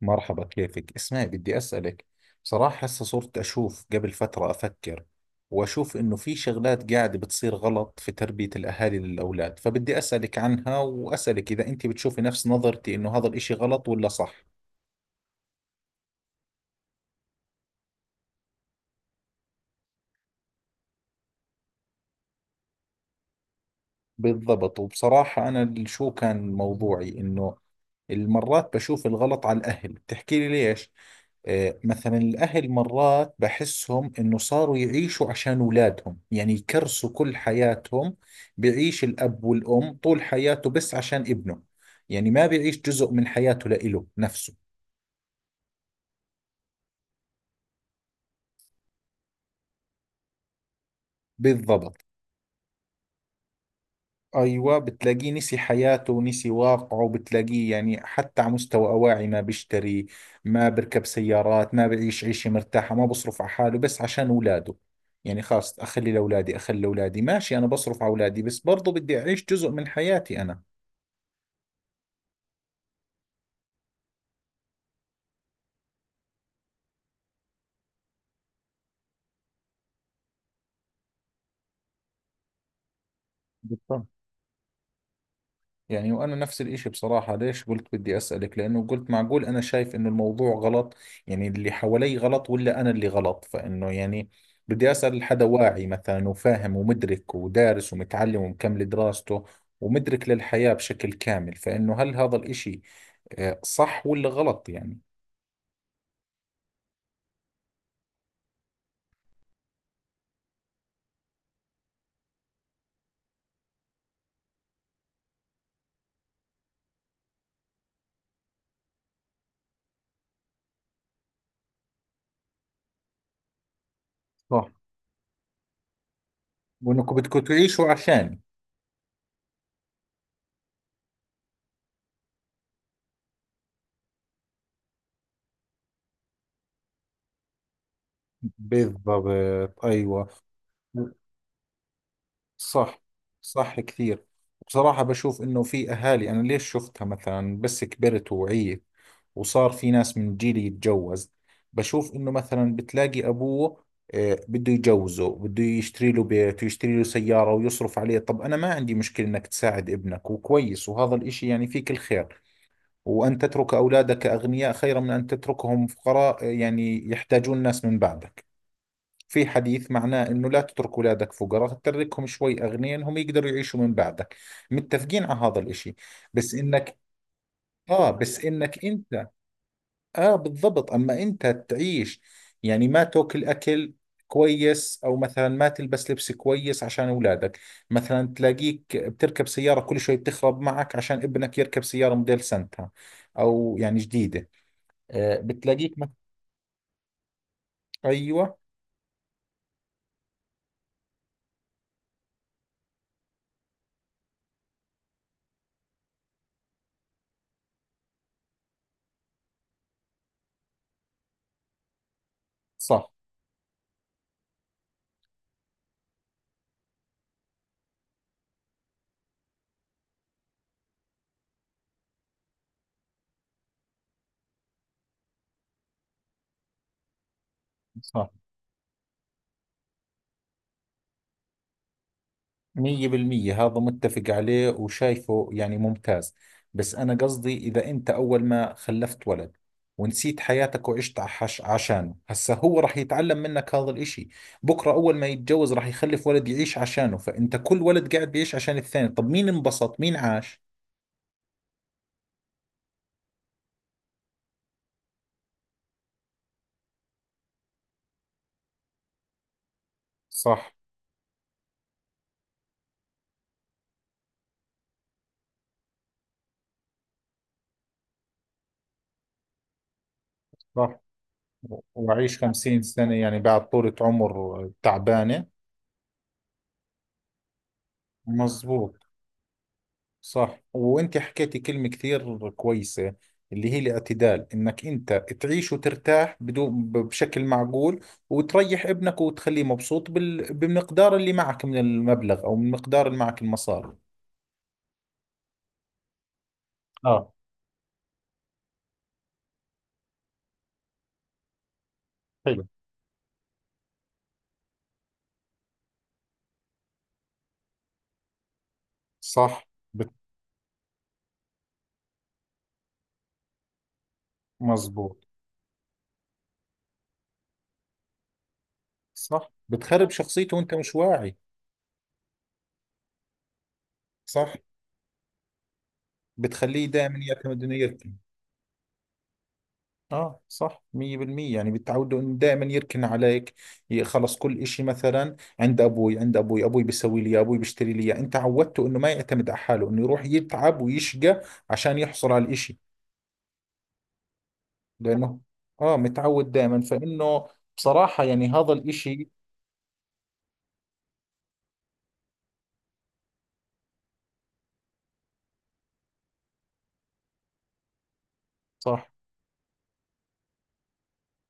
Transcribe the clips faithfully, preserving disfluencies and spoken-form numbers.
مرحبا، كيفك؟ اسمعي بدي أسألك. بصراحة هسه صرت أشوف، قبل فترة أفكر وأشوف إنه في شغلات قاعدة بتصير غلط في تربية الأهالي للأولاد، فبدي أسألك عنها وأسألك إذا أنت بتشوفي نفس نظرتي إنه هذا الإشي غلط ولا صح. بالضبط. وبصراحة أنا ال- شو كان موضوعي؟ إنه المرات بشوف الغلط على الأهل، بتحكي لي ليش. آه، مثلا الأهل مرات بحسهم إنه صاروا يعيشوا عشان أولادهم، يعني يكرسوا كل حياتهم. بيعيش الأب والأم طول حياته بس عشان ابنه، يعني ما بيعيش جزء من حياته لإله نفسه. بالضبط. أيوة، بتلاقيه نسي حياته ونسي واقعه، بتلاقيه يعني حتى على مستوى أواعي ما بيشتري، ما بركب سيارات، ما بعيش عيشة مرتاحة، ما بصرف على حاله بس عشان أولاده. يعني خلاص، أخلي لأولادي أخلي لأولادي، ماشي، أنا بصرف على أولادي بس برضو بدي أعيش جزء من حياتي أنا. بالطبع. يعني وانا نفس الاشي، بصراحة ليش قلت بدي اسألك؟ لانه قلت معقول انا شايف انه الموضوع غلط، يعني اللي حوالي غلط ولا انا اللي غلط، فانه يعني بدي اسأل حدا واعي مثلا، وفاهم ومدرك ودارس ومتعلم ومكمل دراسته ومدرك للحياة بشكل كامل، فانه هل هذا الاشي آه، صح ولا غلط يعني. صح. وانكم بدكم تعيشوا عشاني، بالضبط. ايوه، صح. صح كثير. بصراحة بشوف إنه في أهالي، أنا ليش شفتها مثلا؟ بس كبرت ووعيت وصار في ناس من جيلي يتجوز، بشوف إنه مثلا بتلاقي أبوه آه، بده يجوزه، بده يشتري له بيت ويشتري له سيارة ويصرف عليه. طب أنا ما عندي مشكلة إنك تساعد ابنك، وكويس، وهذا الإشي يعني فيك الخير، وأن تترك أولادك أغنياء خير من أن تتركهم فقراء آه، يعني يحتاجون ناس من بعدك. في حديث معناه انه لا تترك اولادك فقراء، تتركهم شوي اغنياء هم يقدروا يعيشوا من بعدك. متفقين على هذا الاشي، بس انك اه بس انك انت، اه بالضبط، اما انت تعيش يعني ما تاكل اكل كويس، او مثلا ما تلبس لبس كويس عشان اولادك، مثلا تلاقيك بتركب سيارة كل شوي بتخرب معك عشان ابنك يركب سيارة موديل سنتها، او يعني جديدة. آه بتلاقيك مث- ايوه، صح صح. مية بالمية هذا متفق عليه وشايفه يعني ممتاز. بس أنا قصدي إذا أنت أول ما خلفت ولد ونسيت حياتك وعشت عش عشانه، هسا هو راح يتعلم منك هذا الإشي. بكرة أول ما يتجوز راح يخلف ولد يعيش عشانه، فأنت كل ولد قاعد بيعيش عشان الثاني، طب مين انبسط؟ مين عاش؟ صح. صح، و- وأعيش خمسين سنة يعني بعد طولة عمر تعبانة. مزبوط. صح، وانت حكيتي كلمة كثير كويسة اللي هي الاعتدال، انك انت تعيش وترتاح بدون ب- بشكل معقول، وتريح ابنك وتخليه مبسوط بال... بمقدار اللي معك من المبلغ او من مقدار اللي معك المصاري. اه. حلو. صح. بت... مزبوط. صح، بتخرب شخصيته وانت مش واعي. صح، بتخليه دائما يعتمد انه يركن. اه صح، مية بالمية. يعني بتعود انه دائما يركن عليك، ي- خلص كل اشي مثلا عند ابوي، عند ابوي، ابوي بيسوي لي إياه، ابوي بيشتري لي إياه. انت عودته انه ما يعتمد على حاله، انه يروح يتعب ويشقى عشان يحصل على الاشي، لانه اه متعود دائما، فانه بصراحة يعني هذا الاشي. صح.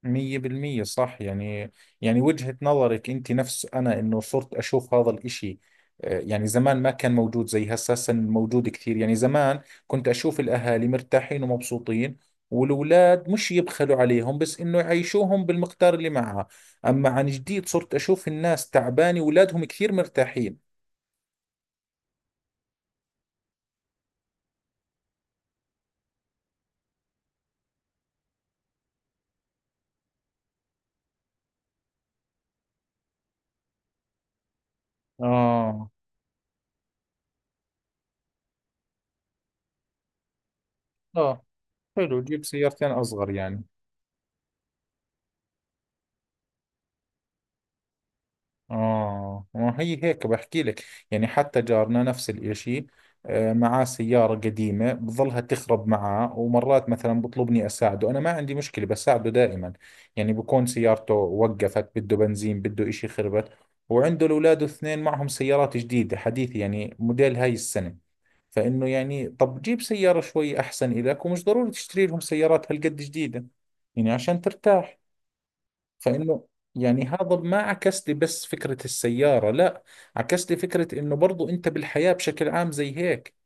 مية بالمية صح يعني. يعني وجهة نظرك انت نفس انا، انه صرت اشوف هذا الاشي آه، يعني زمان ما كان موجود زي هسه، هسه موجود كثير. يعني زمان كنت اشوف الاهالي مرتاحين ومبسوطين، والأولاد مش يبخلوا عليهم بس انه يعيشوهم بالمقدار اللي معها. اما عن جديد صرت اشوف الناس تعبانة واولادهم كثير مرتاحين. اه. اه، حلو، جيب سيارتين اصغر يعني. آه ما هي هيك بحكي لك، يعني حتى جارنا نفس الإشي. آه، معاه سيارة قديمة بظلها تخرب معاه، ومرات مثلا بطلبني أساعده، أنا ما عندي مشكلة بساعده دائما. يعني بكون سيارته وقفت، بده بنزين، بده إشي خربت، وعنده الأولاد الاثنين معهم سيارات جديدة حديثة، يعني موديل هاي السنة. فإنه يعني طب جيب سيارة شوي أحسن إلك، ومش ضروري تشتري لهم سيارات هالقد جديدة، يعني عشان ترتاح. فانه يعني هذا ما عكس لي بس فكرة السيارة، لا، عكس لي فكرة انه برضو انت بالحياة بشكل عام زي هيك.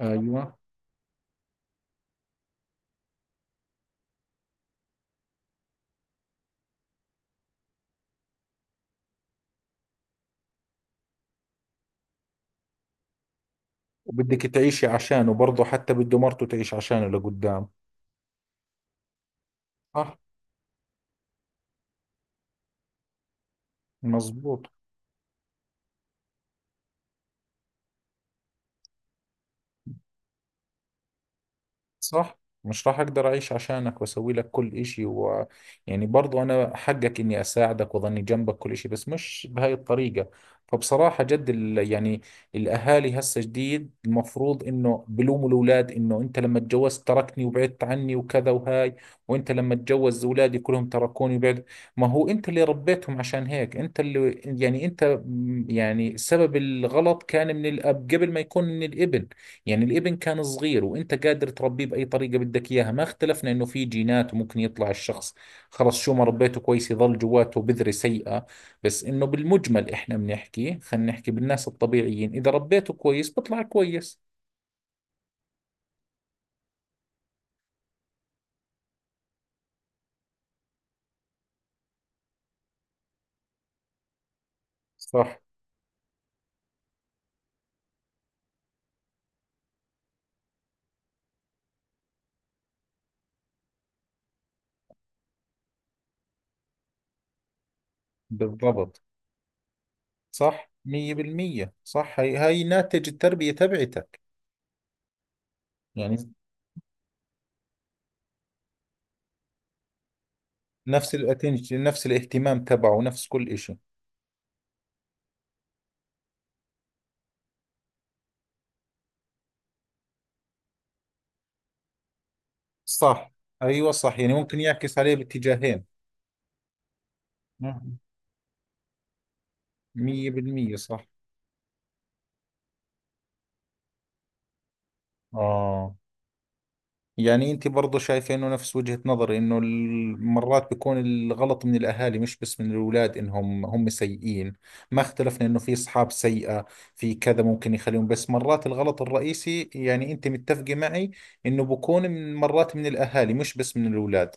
ايوه. وبدك تعيشي عشانه برضو، حتى بده مرته تعيش عشانه لقدام. صح. مزبوط. صح، مش راح اقدر اعيش عشانك واسوي لك كل اشي، و يعني برضو انا حقك اني اساعدك واظني جنبك كل اشي، بس مش بهاي الطريقة. فبصراحة جد ال... يعني الاهالي هسه جديد المفروض انه بلوموا الاولاد، انه انت لما تجوزت تركني وبعدت عني وكذا وهاي، وانت لما تجوز اولادي كلهم تركوني وبعد. ما هو انت اللي ربيتهم عشان هيك، انت اللي يعني انت م- يعني سبب الغلط كان من الاب قبل ما يكون من الابن. يعني الابن كان صغير وانت قادر تربيه باي طريقه بدك اياها. ما اختلفنا انه في جينات وممكن يطلع الشخص خلص شو ما ربيته كويس يظل جواته بذرة سيئة، بس انه بالمجمل احنا بنحكي، خلينا نحكي بالناس الطبيعيين، اذا ربيته كويس بطلع كويس. صح. بالضبط. صح مية بالمية، صح. هاي هاي ناتج التربية تبعتك. يعني نفس الاتنشن، نفس الاهتمام تبعه، نفس كل اشي. صح. ايوه، صح. يعني ممكن يعكس عليه باتجاهين. مم. مية بالمية صح. اه. يعني انت برضو شايفه انه نفس وجهة نظري، انه ال- مرات بيكون الغلط من الاهالي مش بس من الاولاد انهم هم سيئين. ما اختلفنا انه في اصحاب سيئة، في كذا ممكن يخليهم، بس مرات الغلط الرئيسي، يعني انت متفقة معي انه بكون من مرات من الاهالي مش بس من الاولاد.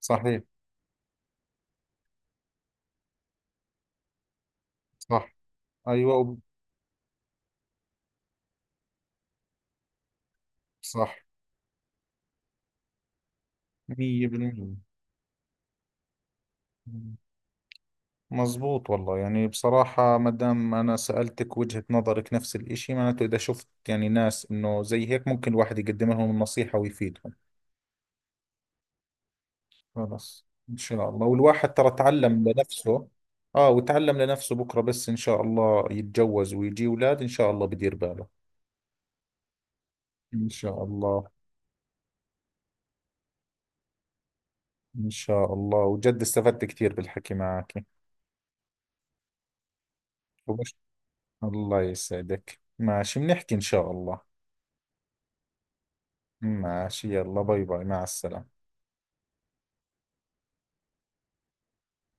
صحيح. صح. ايوه صح، مية بالمية، مظبوط والله. يعني بصراحة ما دام أنا سألتك وجهة نظرك نفس الإشي، معناته إذا شفت يعني ناس إنه زي هيك ممكن الواحد يقدم لهم النصيحة ويفيدهم. خلاص إن شاء الله، والواحد ترى تعلم لنفسه. آه، وتعلم لنفسه بكرة، بس إن شاء الله يتجوز ويجي أولاد، إن شاء الله بدير باله. إن شاء الله. إن شاء الله، وجد استفدت كثير بالحكي معك. وبش... الله يسعدك، ماشي بنحكي إن شاء الله. ماشي، يلا باي باي، مع السلامة.